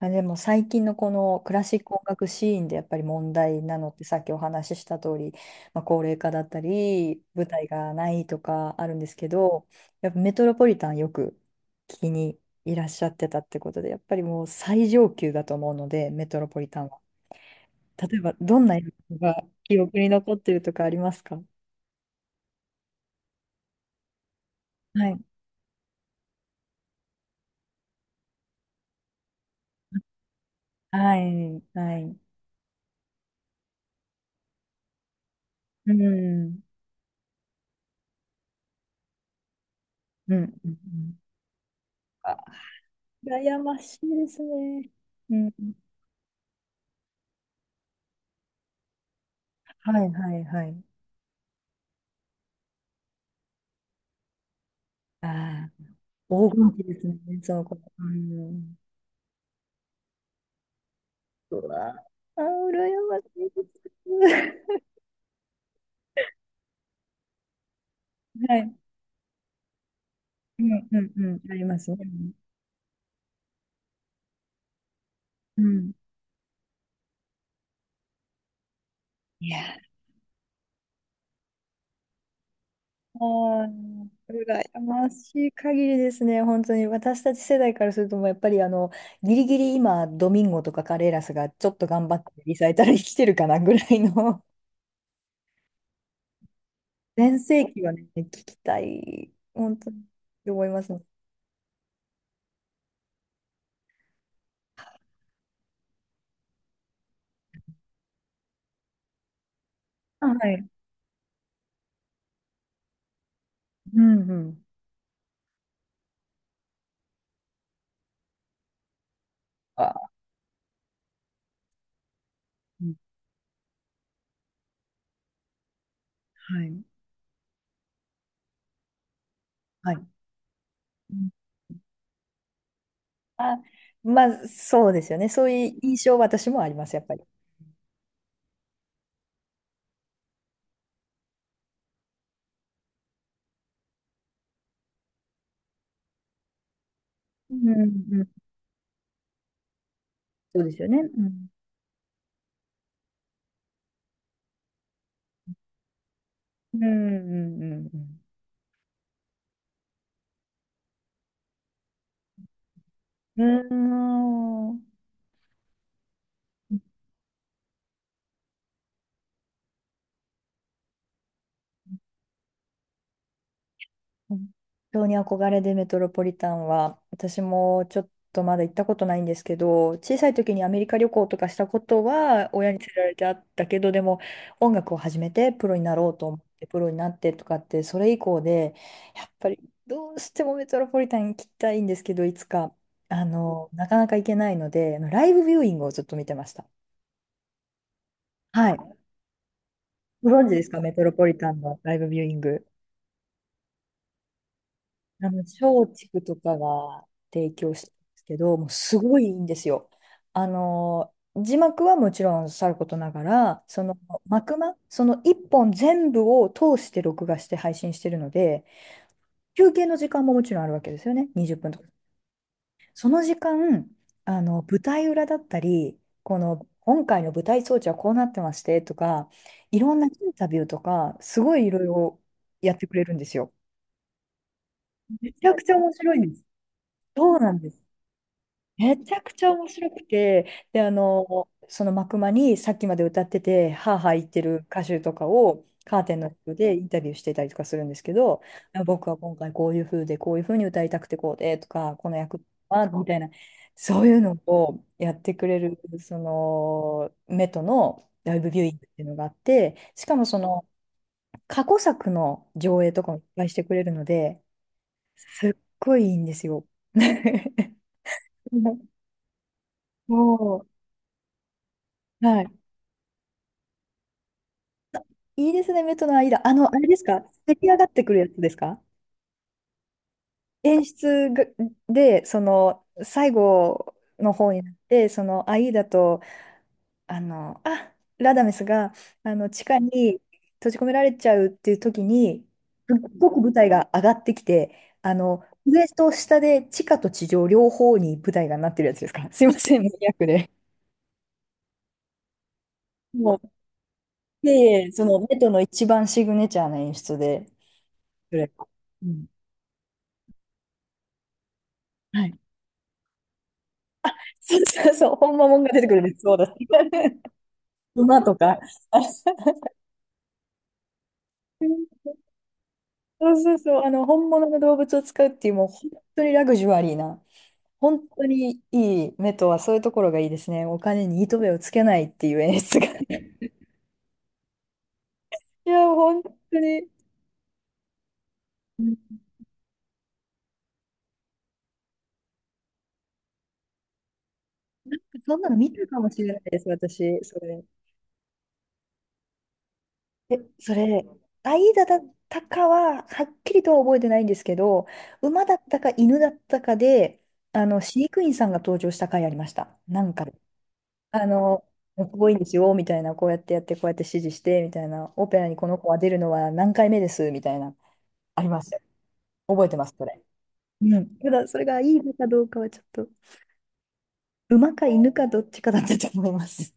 あ、でも最近のこのクラシック音楽シーンでやっぱり問題なのってさっきお話しした通り、まあ、高齢化だったり舞台がないとかあるんですけど、やっぱメトロポリタンよく聞きにいらっしゃってたってことで、やっぱりもう最上級だと思うのでメトロポリタンは。例えばどんな演奏が記憶に残ってるとかありますか？はいはいはい。うんうんうん。あ、羨ましいですね。うん。はいはいはい。ああ、黄金期ですね、その頃。うん。うわあ、ああ、羨ましいです。はい。うんうんうん。ありますね。うん。いやー、あー、羨ましい限りですね、本当に。私たち世代からすると、もうやっぱりギリギリ今、ドミンゴとかカレーラスがちょっと頑張ってリサイタルに来てるかなぐらいの、全盛期はね、聞きたい、本当に、って思いますね。あ、はい。うんうん。あ、うん、はい。はい。あ、まあ、そうですよね。そういう印象は私もあります、やっぱり。うんうんうん。そうですよね。うん。うんうんうんうん。うーん。本当に憧れでメトロポリタンは、私もちょっとまだ行ったことないんですけど、小さい時にアメリカ旅行とかしたことは親に連れられてあったけど、でも音楽を始めてプロになろうと思ってプロになってとかって、それ以降で、やっぱりどうしてもメトロポリタン行きたいんですけど、いつか、なかなか行けないので、あのライブビューイングをずっと見てました。はい。ご存知ですか、メトロポリタンのライブビューイング。松竹とかが提供してるんですけど、もうすごいいいんですよ。字幕はもちろんさることながら、その幕間、その一本全部を通して録画して配信してるので、休憩の時間ももちろんあるわけですよね、20分とか。その時間、舞台裏だったり、この、今回の舞台装置はこうなってましてとか、いろんなインタビューとか、すごいいろいろやってくれるんですよ。めちゃくちゃ面白いんです。そうなんです。めちゃくちゃ面白くて、で、その幕間にさっきまで歌ってて、ハーハー言ってる歌手とかをカーテンの人でインタビューしてたりとかするんですけど、僕は今回こういう風で、こういう風に歌いたくてこうでとか、この役はみたいな、そういうのをやってくれる、その、メトのライブビューイングっていうのがあって、しかもその、過去作の上映とかもいっぱいしてくれるので、すっごいいいんですよ。もう、はい。いいですね、目との間。あれですか、出来上がってくるやつですか？演出がで、その、最後の方になって、その、アイーダと、ラダメスが、地下に閉じ込められちゃうっていう時に、すっごく舞台が上がってきて、上と下で地下と地上両方に舞台がなってるやつですか？すいません、マニアックで。もう、でその、メトの一番シグネチャーな演出で、それ。うん、はい、そうそうそう、ほんまもんが出てくるんです。そうだ。馬とか。あ、そうそうそう、本物の動物を使うっていう、もう本当にラグジュアリーな、本当にいい目とはそういうところがいいですね。お金に糸目をつけないっていう演出が。いや、本当に。うん、そんなの見たかもしれないです、私。それ。え、それ、アイダだったかは、はっきりとは覚えてないんですけど、馬だったか犬だったかで、飼育員さんが登場した回ありました。なんか、あの、かっこいいんですよ、みたいな、こうやってやって、こうやって指示して、みたいな、オペラにこの子は出るのは何回目です、みたいな、あります、覚えてます、それ。うん。ただ、それがいいのかどうかはちょっと、馬か犬かどっちかだったと思います。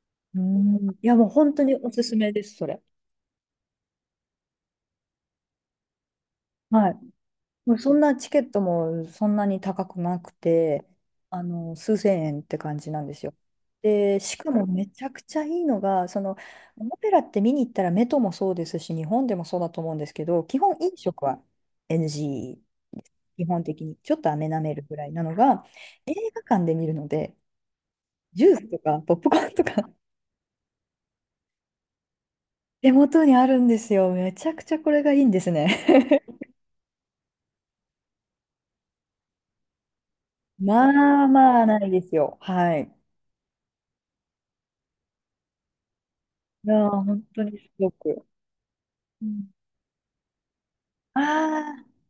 うん。いや、もう本当におすすめです、それ。はい。もうそんなチケットもそんなに高くなくて、数千円って感じなんですよ。で、しかもめちゃくちゃいいのが、その、オペラって見に行ったらメトもそうですし、日本でもそうだと思うんですけど、基本飲食は NG、基本的にちょっと飴舐めるぐらいなのが、映画館で見るので、ジュースとかポップコーンとか 手元にあるんですよ。めちゃくちゃこれがいいんですね。まあまあないですよ。はい。いやー、本当にすごく。ああ、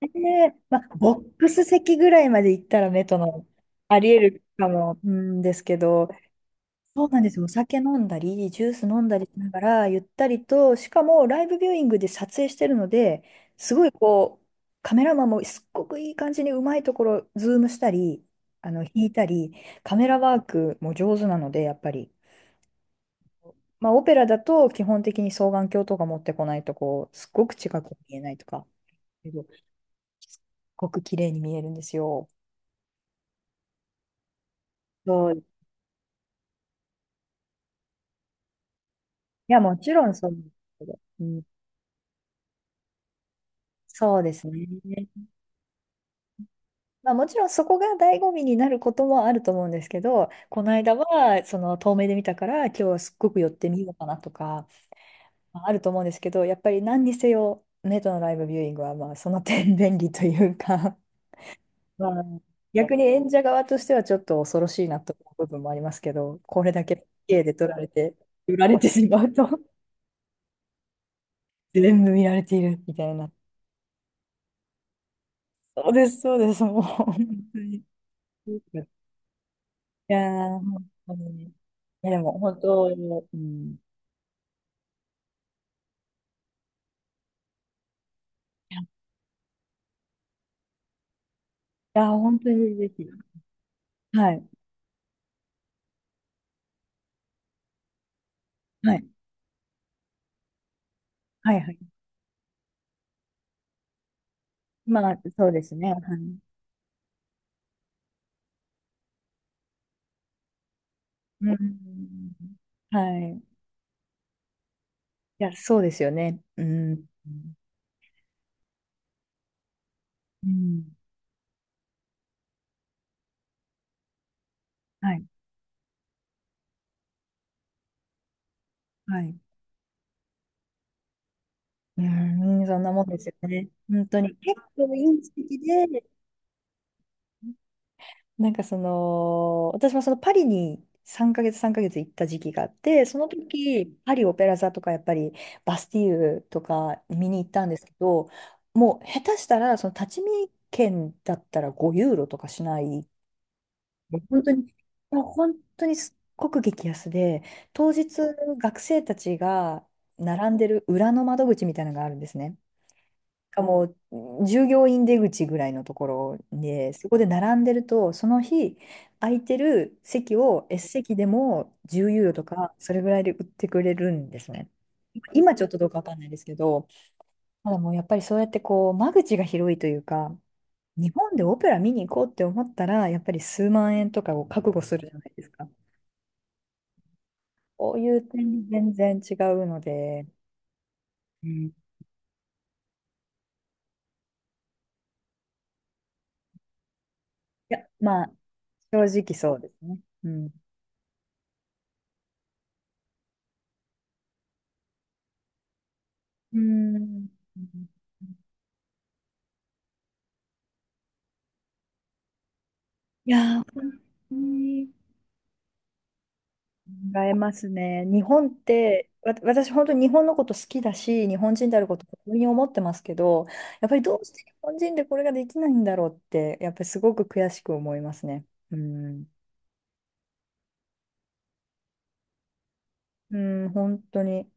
え、えまあ、ボックス席ぐらいまで行ったら目との、ありえるかも、うんですけど、そうなんですよ。お酒飲んだり、ジュース飲んだりしながら、ゆったりと、しかもライブビューイングで撮影してるので、すごいこう、カメラマンもすっごくいい感じにうまいところ、ズームしたり、引いたり、カメラワークも上手なので、やっぱり。まあ、オペラだと基本的に双眼鏡とか持ってこないと、こう、すっごく近く見えないとか。すっごく綺麗に見えるんですよ。そう。いや、もちろんそうなんですけど。うん。そうですね。まあ、もちろんそこが醍醐味になることもあると思うんですけど、この間はその遠目で見たから今日はすっごく寄ってみようかなとか、まあ、あると思うんですけど、やっぱり何にせよネットのライブビューイングはまあその点便利というか、まあ、逆に演者側としてはちょっと恐ろしいなと思う部分もありますけど、これだけ K で撮られて、売られてしまうと全部見られているみたいな。そうです、そうです、もう、本当に。いやー、本当に。いや、でも、本当、うん。いや、本当にぜひ。はい、はい、はい、はい。まあ、そうですね。はい。うん。はい。いや、そうですよね。うん。うん。はい、はい。うん、そんなもんですよね。本当に。結構いい時期で、なんかその、私もそのパリに3ヶ月行った時期があって、その時、パリオペラ座とかやっぱりバスティーユとか見に行ったんですけど、もう下手したらその立ち見券だったら5ユーロとかしない、もう本当に、もう本当にすっごく激安で、当日学生たちが並んでる裏の窓口みたいなのがあるんですね。かもう従業員出口ぐらいのところで、そこで並んでると、その日空いてる席を S 席でも10ユーロとか、それぐらいで売ってくれるんですね。今ちょっとどうかわかんないですけど、ただもうやっぱりそうやってこう、間口が広いというか、日本でオペラ見に行こうって思ったら、やっぱり数万円とかを覚悟するじゃないですか。こういう点に全然違うので、うん、いや、まあ、正直そうですね。うん。うん。いやー、本当に考えますね。日本って、わ、私本当に日本のこと好きだし、日本人であること誇りに思ってますけど、やっぱりどうして日本人でこれができないんだろうって、やっぱりすごく悔しく思いますね。うん、うん、本当に。